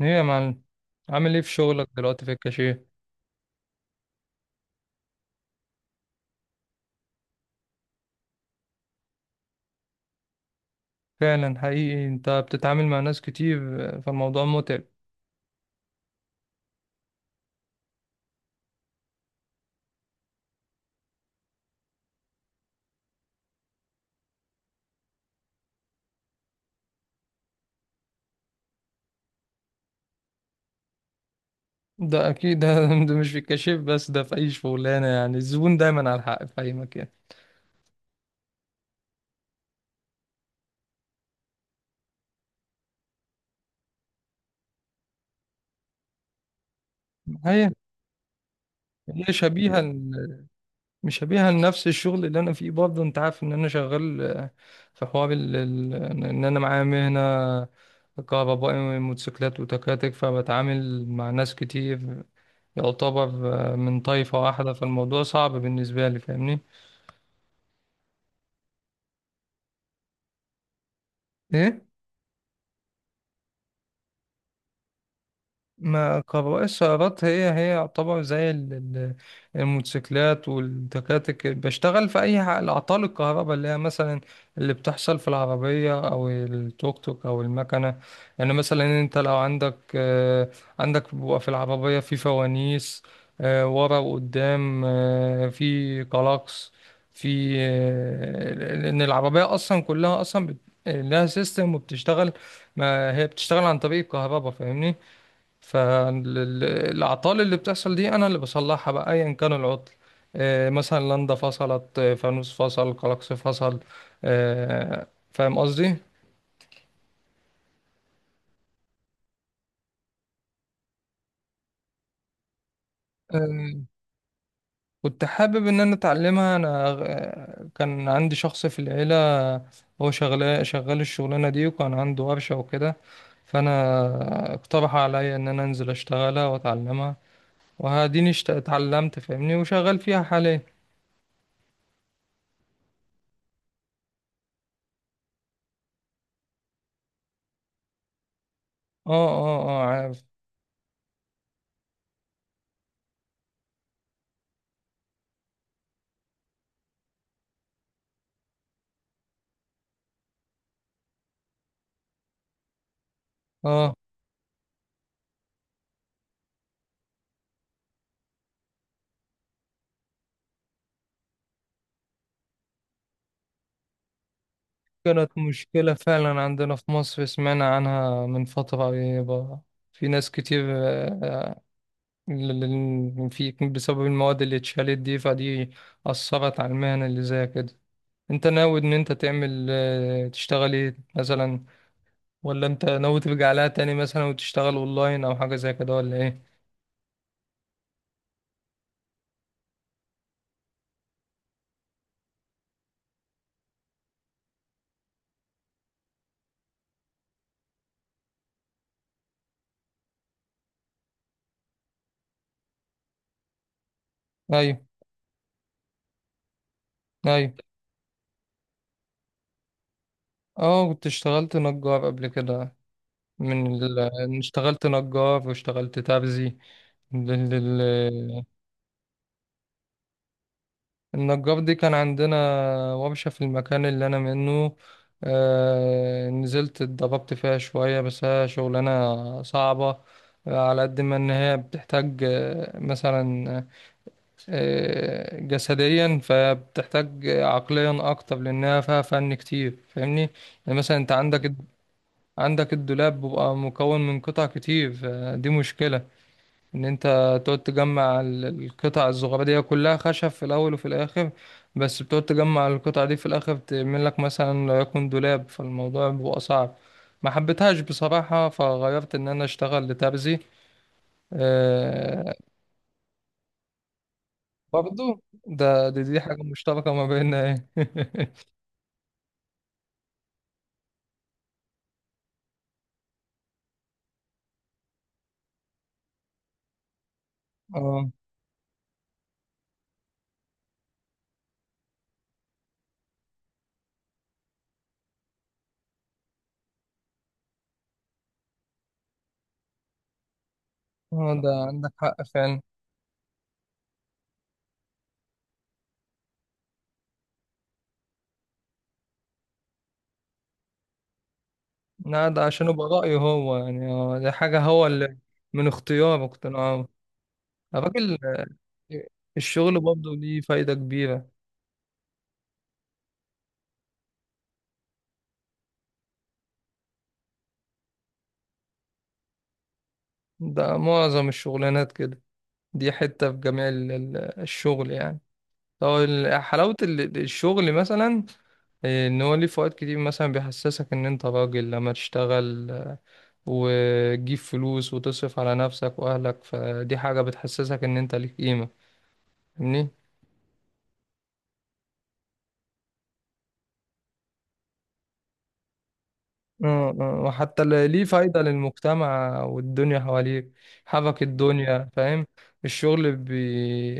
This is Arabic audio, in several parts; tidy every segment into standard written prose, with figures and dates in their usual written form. ايه يا معلم؟ عامل ايه في شغلك دلوقتي في الكاشير؟ فعلا حقيقي انت بتتعامل مع ناس كتير، فالموضوع متعب. ده اكيد ده, ده مش في الكاشير بس، ده في اي شغلانه، يعني الزبون دايما على الحق في اي مكان. هي هي شبيهه، مش هبيع لنفس الشغل اللي انا فيه برضه، انت عارف ان انا شغال. في حوار ان انا معايا مهنة كهربائي موتوسيكلات وتكاتك، فبتعامل مع ناس كتير، يعتبر من طائفة واحدة، فالموضوع صعب بالنسبة لي، فاهمني. ما كهرباء السيارات هي يعتبر زي الموتوسيكلات والتكاتك، بشتغل في أي الأعطال الكهرباء اللي هي مثلا اللي بتحصل في العربية أو التوك توك أو المكنة. يعني مثلا أنت لو عندك بيبقى في العربية في فوانيس، ورا وقدام، في كلاكس، في آه، لأن العربية أصلا كلها أصلا لها سيستم وبتشتغل. ما هي بتشتغل عن طريق الكهرباء، فاهمني. فالأعطال اللي بتحصل دي أنا اللي بصلحها، بقى أيا كان العطل. مثلا لندا فصلت، فانوس فصل، كلاكس فصل، آه، فاهم قصدي؟ آه، كنت حابب إن أنا أتعلمها. أنا آه، كان عندي شخص في العيلة، هو شغال الشغلانة دي، وكان عنده ورشة وكده، فأنا اقترح عليا إن أنا أنزل أشتغلها وأتعلمها، وهاديني اتعلمت، فاهمني، وشغال فيها حاليا. اه، اه، اه، عارف. اه. كانت مشكلة فعلا عندنا في مصر، سمعنا عنها من فترة قريبة، في ناس كتير. آه، ل- في بسبب المواد اللي اتشالت دي، فدي أثرت على المهنة اللي زي كده. انت ناوي ان انت تعمل آه، تشتغل ايه مثلا، ولا انت ناوي ترجع لها تاني مثلا وتشتغل اونلاين او حاجة زي كده ولا ايه؟ ايوه، ايوه. اه، كنت اشتغلت نجار قبل كده، من ال... اشتغلت نجار واشتغلت تابزي. النجار دي كان عندنا ورشة في المكان اللي أنا منه، نزلت اتدربت فيها شوية، بس هي شغلانة صعبة، على قد ما إن هي بتحتاج، آه، مثلا آه، جسديا، فبتحتاج عقليا أكتر لأنها فيها فن كتير، فاهمني. يعني مثلا أنت عندك الدولاب بيبقى مكون من قطع كتير، فدي مشكلة ان انت تقعد تجمع القطع الصغيره دي كلها خشب في الاول وفي الاخر، بس بتقعد تجمع القطع دي في الاخر، تعمل لك مثلا لو يكون دولاب، فالموضوع بيبقى صعب. ما حبيتهاش بصراحه، فغيرت ان انا اشتغل لترزي. آه. برضو، دي حاجه مشتركه ما بيننا، ايه؟ اه. آه، ده عندك حق فعلا. لا، ده عشان يبقى رايه هو، يعني، دي حاجه هو اللي من اختيار واقتناع. الراجل. الشغل برضه ليه فايدة كبيرة. ده معظم الشغلانات كده، دي حتة في جميع الشغل يعني. طب حلاوة الشغل مثلا إيه، ان هو ليه فوائد كتير، مثلا بيحسسك ان انت راجل لما تشتغل، وتجيب فلوس وتصرف على نفسك واهلك، فدي حاجة بتحسسك ان انت ليك قيمة، فاهمني؟ آه، آه، وحتى اللي ليه فايدة للمجتمع والدنيا حواليك، حبك الدنيا، فاهم. الشغل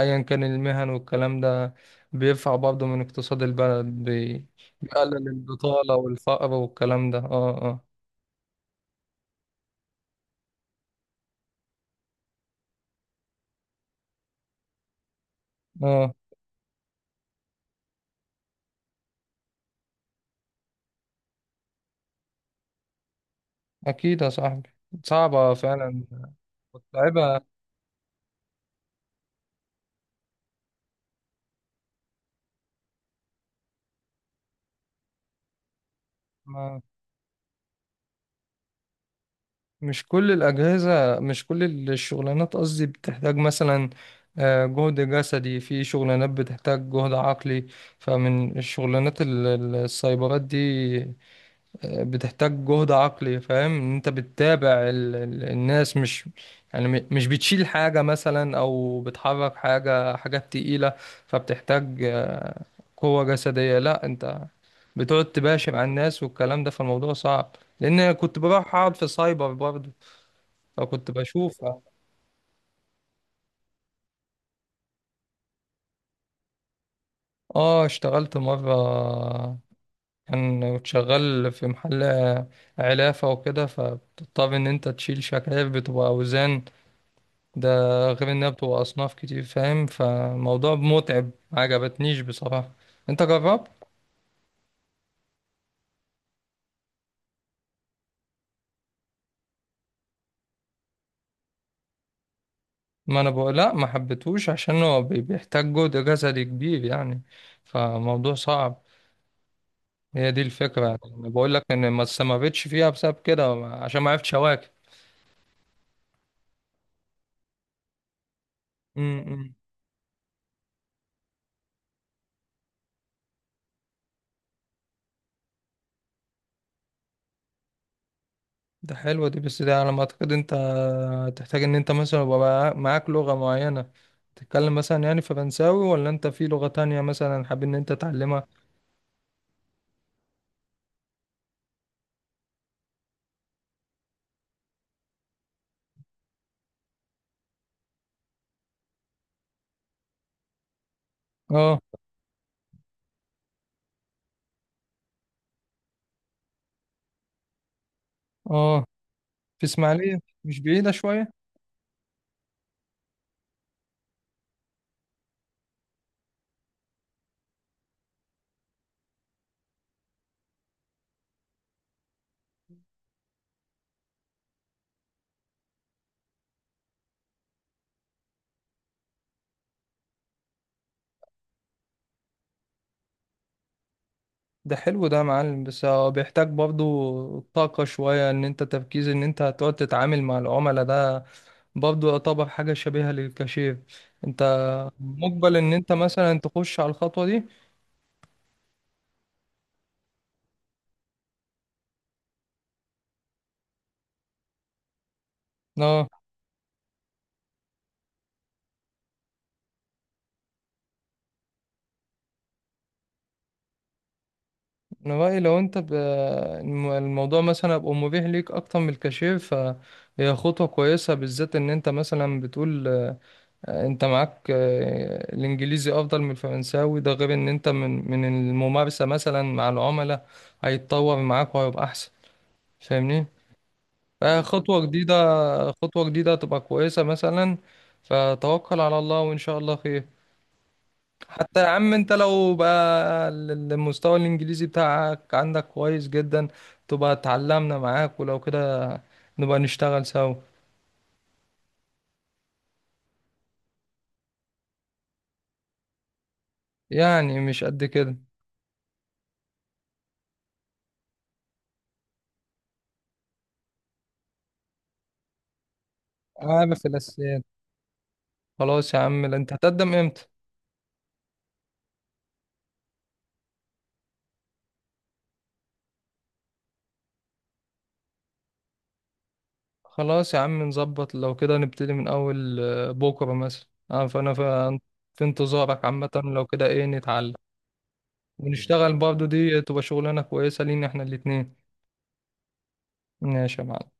أيا كان المهن والكلام ده بيرفع برضه من اقتصاد البلد، بيقلل البطالة والفقر والكلام ده. اه، اه، اه. أكيد يا صاحبي، صعبة فعلا، متعبة. مش كل الأجهزة، مش كل الشغلانات قصدي، بتحتاج مثلا، جهد جسدي، في شغلانات بتحتاج جهد عقلي، فمن الشغلانات السايبرات دي، بتحتاج جهد عقلي، فاهم إن انت بتتابع الناس، مش يعني، مش بتشيل حاجة مثلا او بتحرك حاجات تقيلة، فبتحتاج، قوة جسدية، لا انت بتقعد تباشر على الناس والكلام ده، فالموضوع صعب لان كنت بروح اقعد في سايبر برضه، فكنت بشوف. اه، اشتغلت مرة، كنت شغال في محل علافة وكده، فبتضطر ان انت تشيل شكاير بتبقى اوزان، ده غير انها بتبقى اصناف كتير، فاهم، فموضوع متعب، ما عجبتنيش بصراحة. انت جربت؟ ما انا بقول لا، ما حبيتهوش عشان هو بيحتاج جهد جسدي كبير يعني، فموضوع صعب، هي دي الفكرة يعني. بقول لك ان ما استمرتش فيها بسبب كده، عشان ما عرفتش اواكب. ده حلوة دي، بس ده على ما اعتقد انت تحتاج ان انت مثلا يبقى معاك لغة معينة، تتكلم مثلا يعني فرنساوي، ولا انت في لغة تانية مثلا حابب ان انت تعلمها. اه، اه. في اسماعيلية، مش بعيدة شوية؟ ده حلو ده يا معلم، بس هو بيحتاج برضو طاقة شوية، ان انت تركيز ان انت هتقعد تتعامل مع العملاء ده، برضو يعتبر حاجة شبيهة للكاشير، انت مقبل ان انت مثلا تخش على الخطوة دي؟ اه، انا رأيي لو انت الموضوع مثلا هيبقى مبيح ليك اكتر من الكاشير، فهي خطوة كويسة، بالذات ان انت مثلا بتقول، انت معاك الانجليزي افضل من الفرنساوي، ده غير ان انت من الممارسة مثلا مع العملاء هيتطور معاك وهيبقى احسن، فاهمني. فخطوة جديدة، خطوة جديدة تبقى كويسة مثلا، فتوكل على الله وان شاء الله خير. حتى يا عم انت لو بقى المستوى الانجليزي بتاعك عندك كويس جدا، تبقى اتعلمنا معاك، ولو كده نبقى نشتغل سوا. يعني مش قد كده. عامل في الاساسيات. خلاص يا عم، لا انت هتقدم امتى؟ خلاص يا عم نظبط، لو كده نبتدي من اول بكره مثلا، اه، فانا في انتظارك عامه، لو كده ايه نتعلم ونشتغل برضو، دي تبقى شغلانه كويسه لينا احنا الاتنين. ماشي يا معلم.